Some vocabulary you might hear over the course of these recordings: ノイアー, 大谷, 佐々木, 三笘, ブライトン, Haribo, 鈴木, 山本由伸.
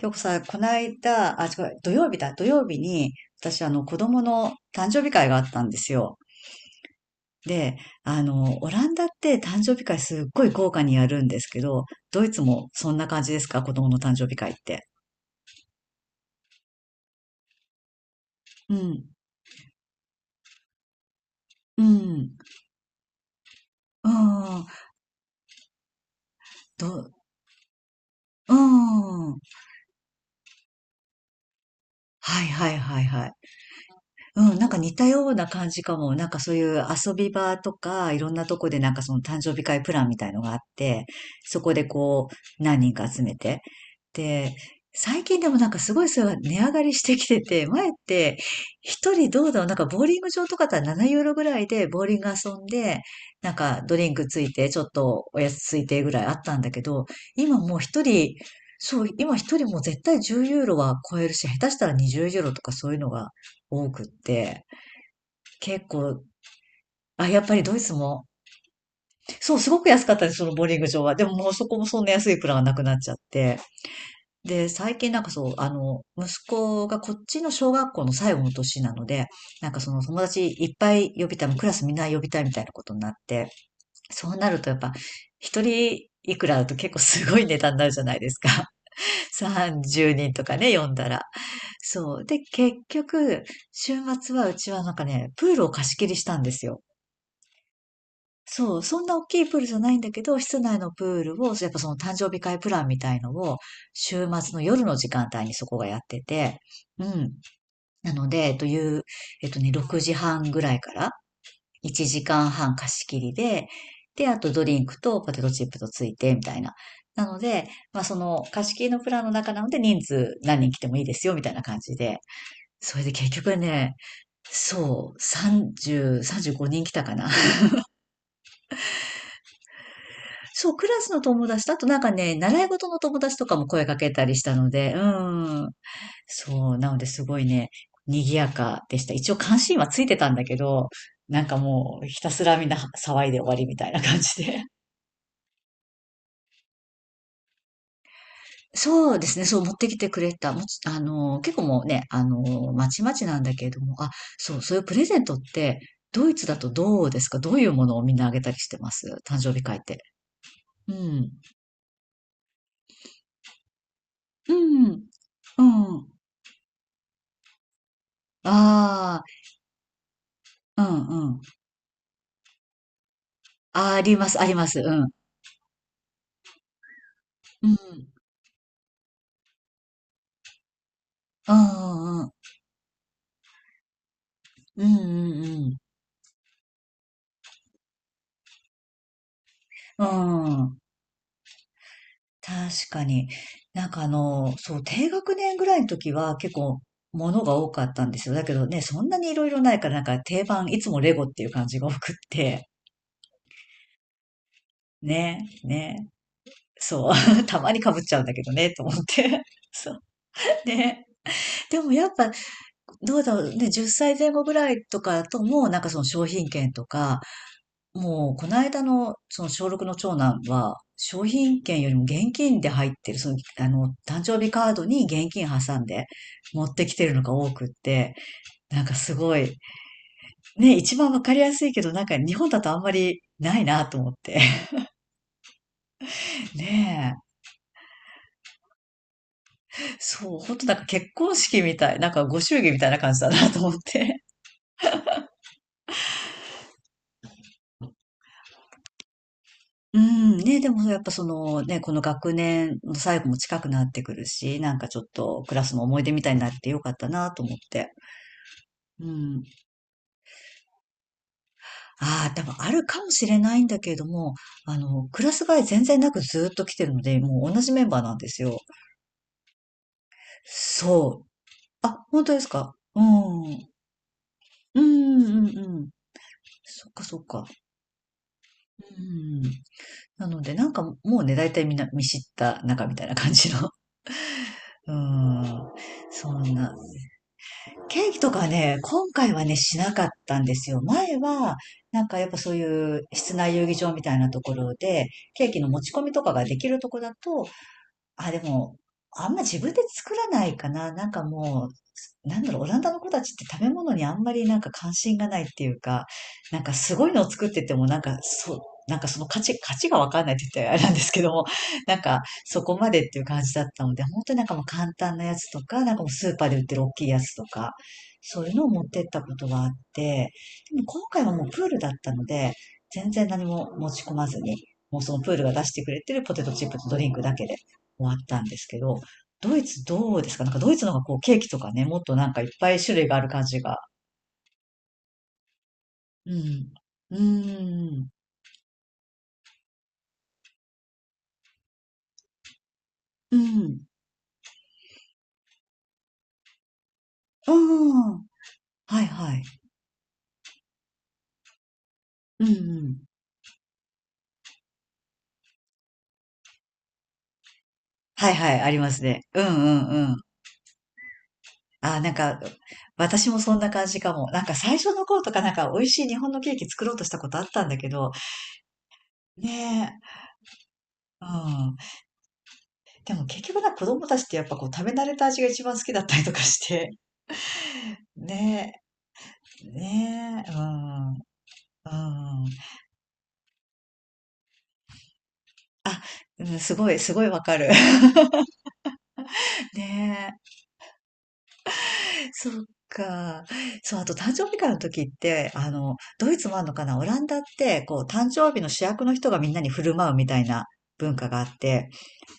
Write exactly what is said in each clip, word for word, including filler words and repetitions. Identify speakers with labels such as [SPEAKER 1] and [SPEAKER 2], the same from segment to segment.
[SPEAKER 1] 今日さ、この間、あ、違う、土曜日だ、土曜日に、私、あの、子供の誕生日会があったんですよ。で、あの、オランダって誕生日会すっごい豪華にやるんですけど、ドイツもそんな感じですか、子供の誕生日会って？うん、うん、うん、ど、うん、はいはいはいはい。うん、なんか似たような感じかも。なんかそういう遊び場とか、いろんなとこでなんかその誕生日会プランみたいのがあって、そこでこう、何人か集めて。で、最近でもなんかすごいそれが値上がりしてきてて、前って一人どうだろう、なんかボーリング場とかだったらななユーロぐらいでボーリング遊んで、なんかドリンクついて、ちょっとおやつついてぐらいあったんだけど、今もう一人、そう、今一人もう絶対じゅうユーロは超えるし、下手したらにじゅうユーロとかそういうのが多くって、結構、あ、やっぱりドイツも、そう、すごく安かったです、そのボーリング場は。でももうそこもそんな安いプランがなくなっちゃって。で、最近なんかそう、あの、息子がこっちの小学校の最後の年なので、なんかその友達いっぱい呼びたい、もうクラスみんな呼びたいみたいなことになって、そうなるとやっぱ、一人いくらだと結構すごい値段になるじゃないですか。さんじゅうにんとかね、呼んだら。そう。で、結局、週末はうちはなんかね、プールを貸し切りしたんですよ。そう、そんな大きいプールじゃないんだけど、室内のプールを、やっぱその誕生日会プランみたいのを、週末の夜の時間帯にそこがやってて、うん。なので、という、えっとね、ろくじはんぐらいからいちじかんはん貸し切りで、で、あとドリンクとポテトチップとついて、みたいな。なので、まあその貸し切りのプランの中なので人数何人来てもいいですよ、みたいな感じで。それで結局ね、そう、さんじゅう、さんじゅうごにん来たかな。そう、クラスの友達と、あとなんかね、習い事の友達とかも声かけたりしたので、うん。そう、なのですごいね、賑やかでした。一応関心はついてたんだけど、なんかもうひたすらみんな騒いで終わりみたいな感じで。そうですね、そう持ってきてくれた。もちあの、結構もうね、あの、まちまちなんだけれども、あ、そう、そういうプレゼントって、ドイツだとどうですか、どういうものをみんなあげたりしてます、誕生日会って？うん。うん。うん。ああ、うんうん。あ、あります、あります。うん。うん。うんうんうん。うんうんうん。うん。確かに。なんかあの、そう、低学年ぐらいの時は結構物が多かったんですよ。だけどね、そんなにいろいろないからなんか定番、いつもレゴっていう感じが多くって。ね、ね。そう。たまに被っちゃうんだけどね、と思って。そう。ね。でもやっぱ、どうだろうね、じゅっさいぜん後ぐらいとかだともうなんかその商品券とか、もう、この間の、その小ろくの長男は、商品券よりも現金で入ってる、その、あの、誕生日カードに現金挟んで持ってきてるのが多くって、なんかすごい、ね、一番わかりやすいけど、なんか日本だとあんまりないなと思って。ねえ。そう、ほんとなんか結婚式みたい、なんかご祝儀みたいな感じだなと思って。うん、ね、でもやっぱそのね、この学年の最後も近くなってくるし、なんかちょっとクラスの思い出みたいになってよかったなと思って。うん。ああ、多分あるかもしれないんだけれども、あの、クラス替え全然なくずーっと来てるので、もう同じメンバーなんですよ。そう。あ、本当ですか、うん。うんうんうん。そっかそっか。うん。なので、なんかもうね、大体みんな見知った仲みたいな感じの。うん。そんな。ケーキとかね、今回はね、しなかったんですよ。前は、なんかやっぱそういう室内遊技場みたいなところで、ケーキの持ち込みとかができるとこだと、あ、でも、あんま自分で作らないかな。なんかもう、なんだろう、オランダの子たちって食べ物にあんまりなんか関心がないっていうか、なんかすごいのを作ってても、なんかそう、なんかその価値、価値、がわかんないって言ったらあれなんですけども、なんかそこまでっていう感じだったので、本当になんかもう簡単なやつとか、なんかもうスーパーで売ってる大きいやつとか、そういうのを持ってったことがあって、でも今回はもうプールだったので、全然何も持ち込まずに、もうそのプールが出してくれてるポテトチップとドリンクだけで終わったんですけど、ドイツどうですか、なんかドイツの方がこうケーキとかね、もっとなんかいっぱい種類がある感じが。うん。うーん。うん。うん。はいはい。うんうん。はいはい、ありますね。うんうんうん。あー、なんか、私もそんな感じかも。なんか最初の頃とかなんか美味しい日本のケーキ作ろうとしたことあったんだけど、ねえ。うん。でも結局な、子供たちってやっぱこう食べ慣れた味が一番好きだったりとかして。ねえ。ねえ。うん。うん。あ、うん、すごい、すごいわかる。ねえ。そっか。そう、あと誕生日会の時って、あの、ドイツもあるのかなオランダって、こう、誕生日の主役の人がみんなに振る舞うみたいな文化があって、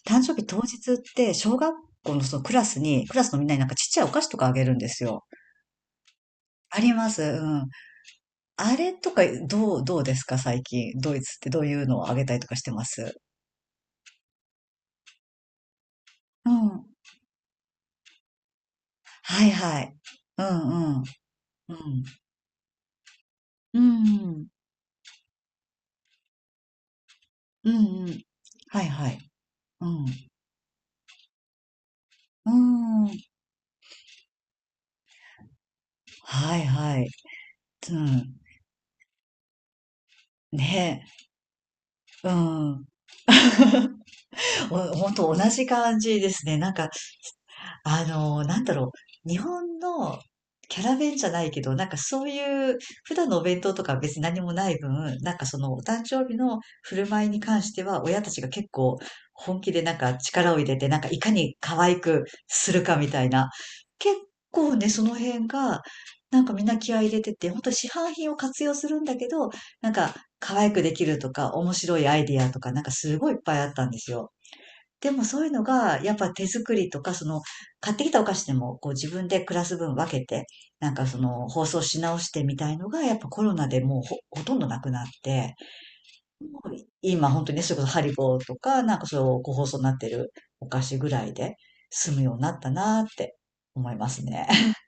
[SPEAKER 1] 誕生日当日って、小学校のそのクラスに、クラスのみんなになんかちっちゃいお菓子とかあげるんですよ。あります。うん。あれとか、どう、どうですか最近？ドイツってどういうのをあげたりとかしてます？うん。はいはい。うんうん。うん。うん。うんうん。はいはい。うん。うーん。はいはい。うん。ね。うん。お、ほんと同じ感じですね。なんかあの、なんだろう、日本のキャラ弁じゃないけど、なんかそういう普段のお弁当とかは別に何もない分、なんかそのお誕生日の振る舞いに関しては親たちが結構本気でなんか力を入れて、なんかいかに可愛くするかみたいな。結構ね、その辺が、なんかみんな気合い入れてて、本当市販品を活用するんだけど、なんか可愛くできるとか面白いアイディアとかなんかすごいいっぱいあったんですよ。でもそういうのが、やっぱ手作りとか、その、買ってきたお菓子でも、こう自分でクラス分分けて、なんかその、包装し直してみたいのが、やっぱコロナでもうほ、ほとんどなくなって、もう今本当にね、それこそハリボーとか、なんかそう、個包装になってるお菓子ぐらいで済むようになったなーって思いますね。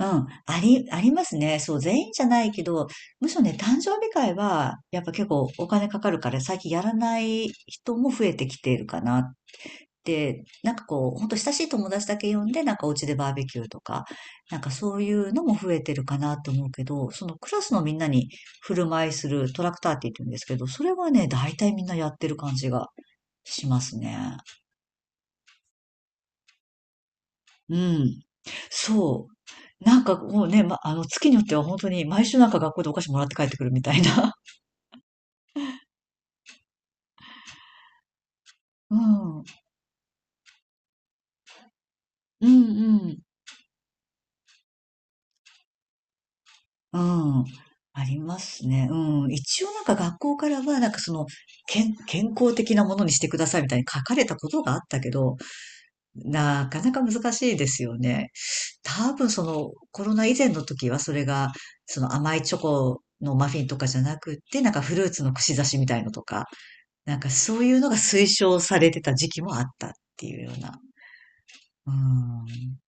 [SPEAKER 1] うん、あり、ありますね。そう、全員じゃないけど、むしろね、誕生日会は、やっぱ結構お金かかるから、最近やらない人も増えてきているかな。で、なんかこう、ほんと親しい友達だけ呼んで、なんかお家でバーベキューとか、なんかそういうのも増えてるかなと思うけど、そのクラスのみんなに振る舞いするトラクターって言うんですけど、それはね、大体みんなやってる感じがしますね。うん。そう。なんかもうね、ま、あの、月によっては本当に毎週なんか学校でお菓子もらって帰ってくるみたいな。うん。うんうん。うん。ありますね。うん。一応なんか学校からは、なんかその、健、健康的なものにしてくださいみたいに書かれたことがあったけど、なかなか難しいですよね。多分その、コロナ以前の時はそれが、その甘いチョコのマフィンとかじゃなくって、なんかフルーツの串刺しみたいのとか、なんかそういうのが推奨されてた時期もあったっていうような。うん。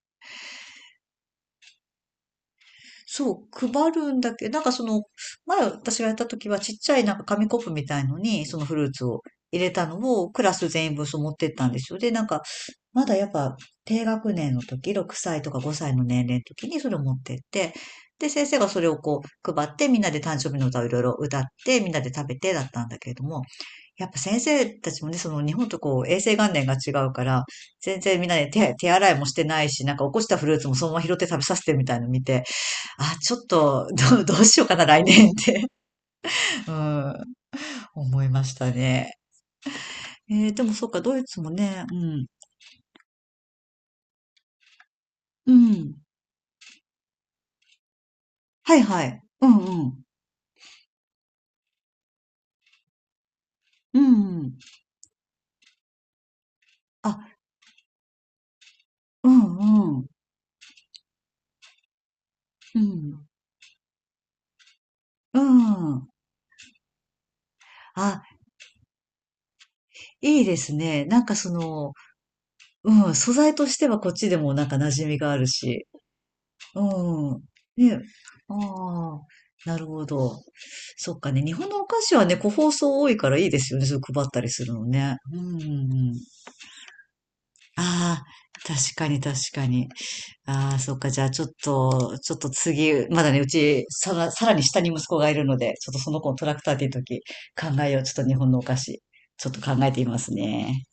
[SPEAKER 1] そう、配るんだけど、なんかその、前私がやった時はちっちゃいなんか紙コップみたいのに、そのフルーツを入れたのをクラス全員分そう持ってったんですよ。で、なんか、まだやっぱ低学年の時、ろくさいとかごさいの年齢の時にそれを持ってって、で、先生がそれをこう配ってみんなで誕生日の歌をいろいろ歌ってみんなで食べてだったんだけれども、やっぱ先生たちもね、その日本とこう衛生観念が違うから、全然みんなで手、手洗いもしてないし、なんか起こしたフルーツもそのまま拾って食べさせてみたいなの見て、あ、ちょっと、どう、どうしようかな、来年って うん、思いましたね。えー、でもそっか、ドイツもね、うん、うん。はいはい。うんうん。うんうん。あ、うんうん。うん。うん。あ、いいですね。なんかその、うん、素材としてはこっちでもなんか馴染みがあるし。うん。ね。ああ、なるほど。そっかね。日本のお菓子はね、個包装多いからいいですよね。それ配ったりするのね。うんうんうん。ああ、確かに確かに。ああ、そっか。じゃあちょっと、ちょっと次、まだね、うち、さら、さらに下に息子がいるので、ちょっとその子のトラクターっていう時、考えよう。ちょっと日本のお菓子、ちょっと考えてみますね。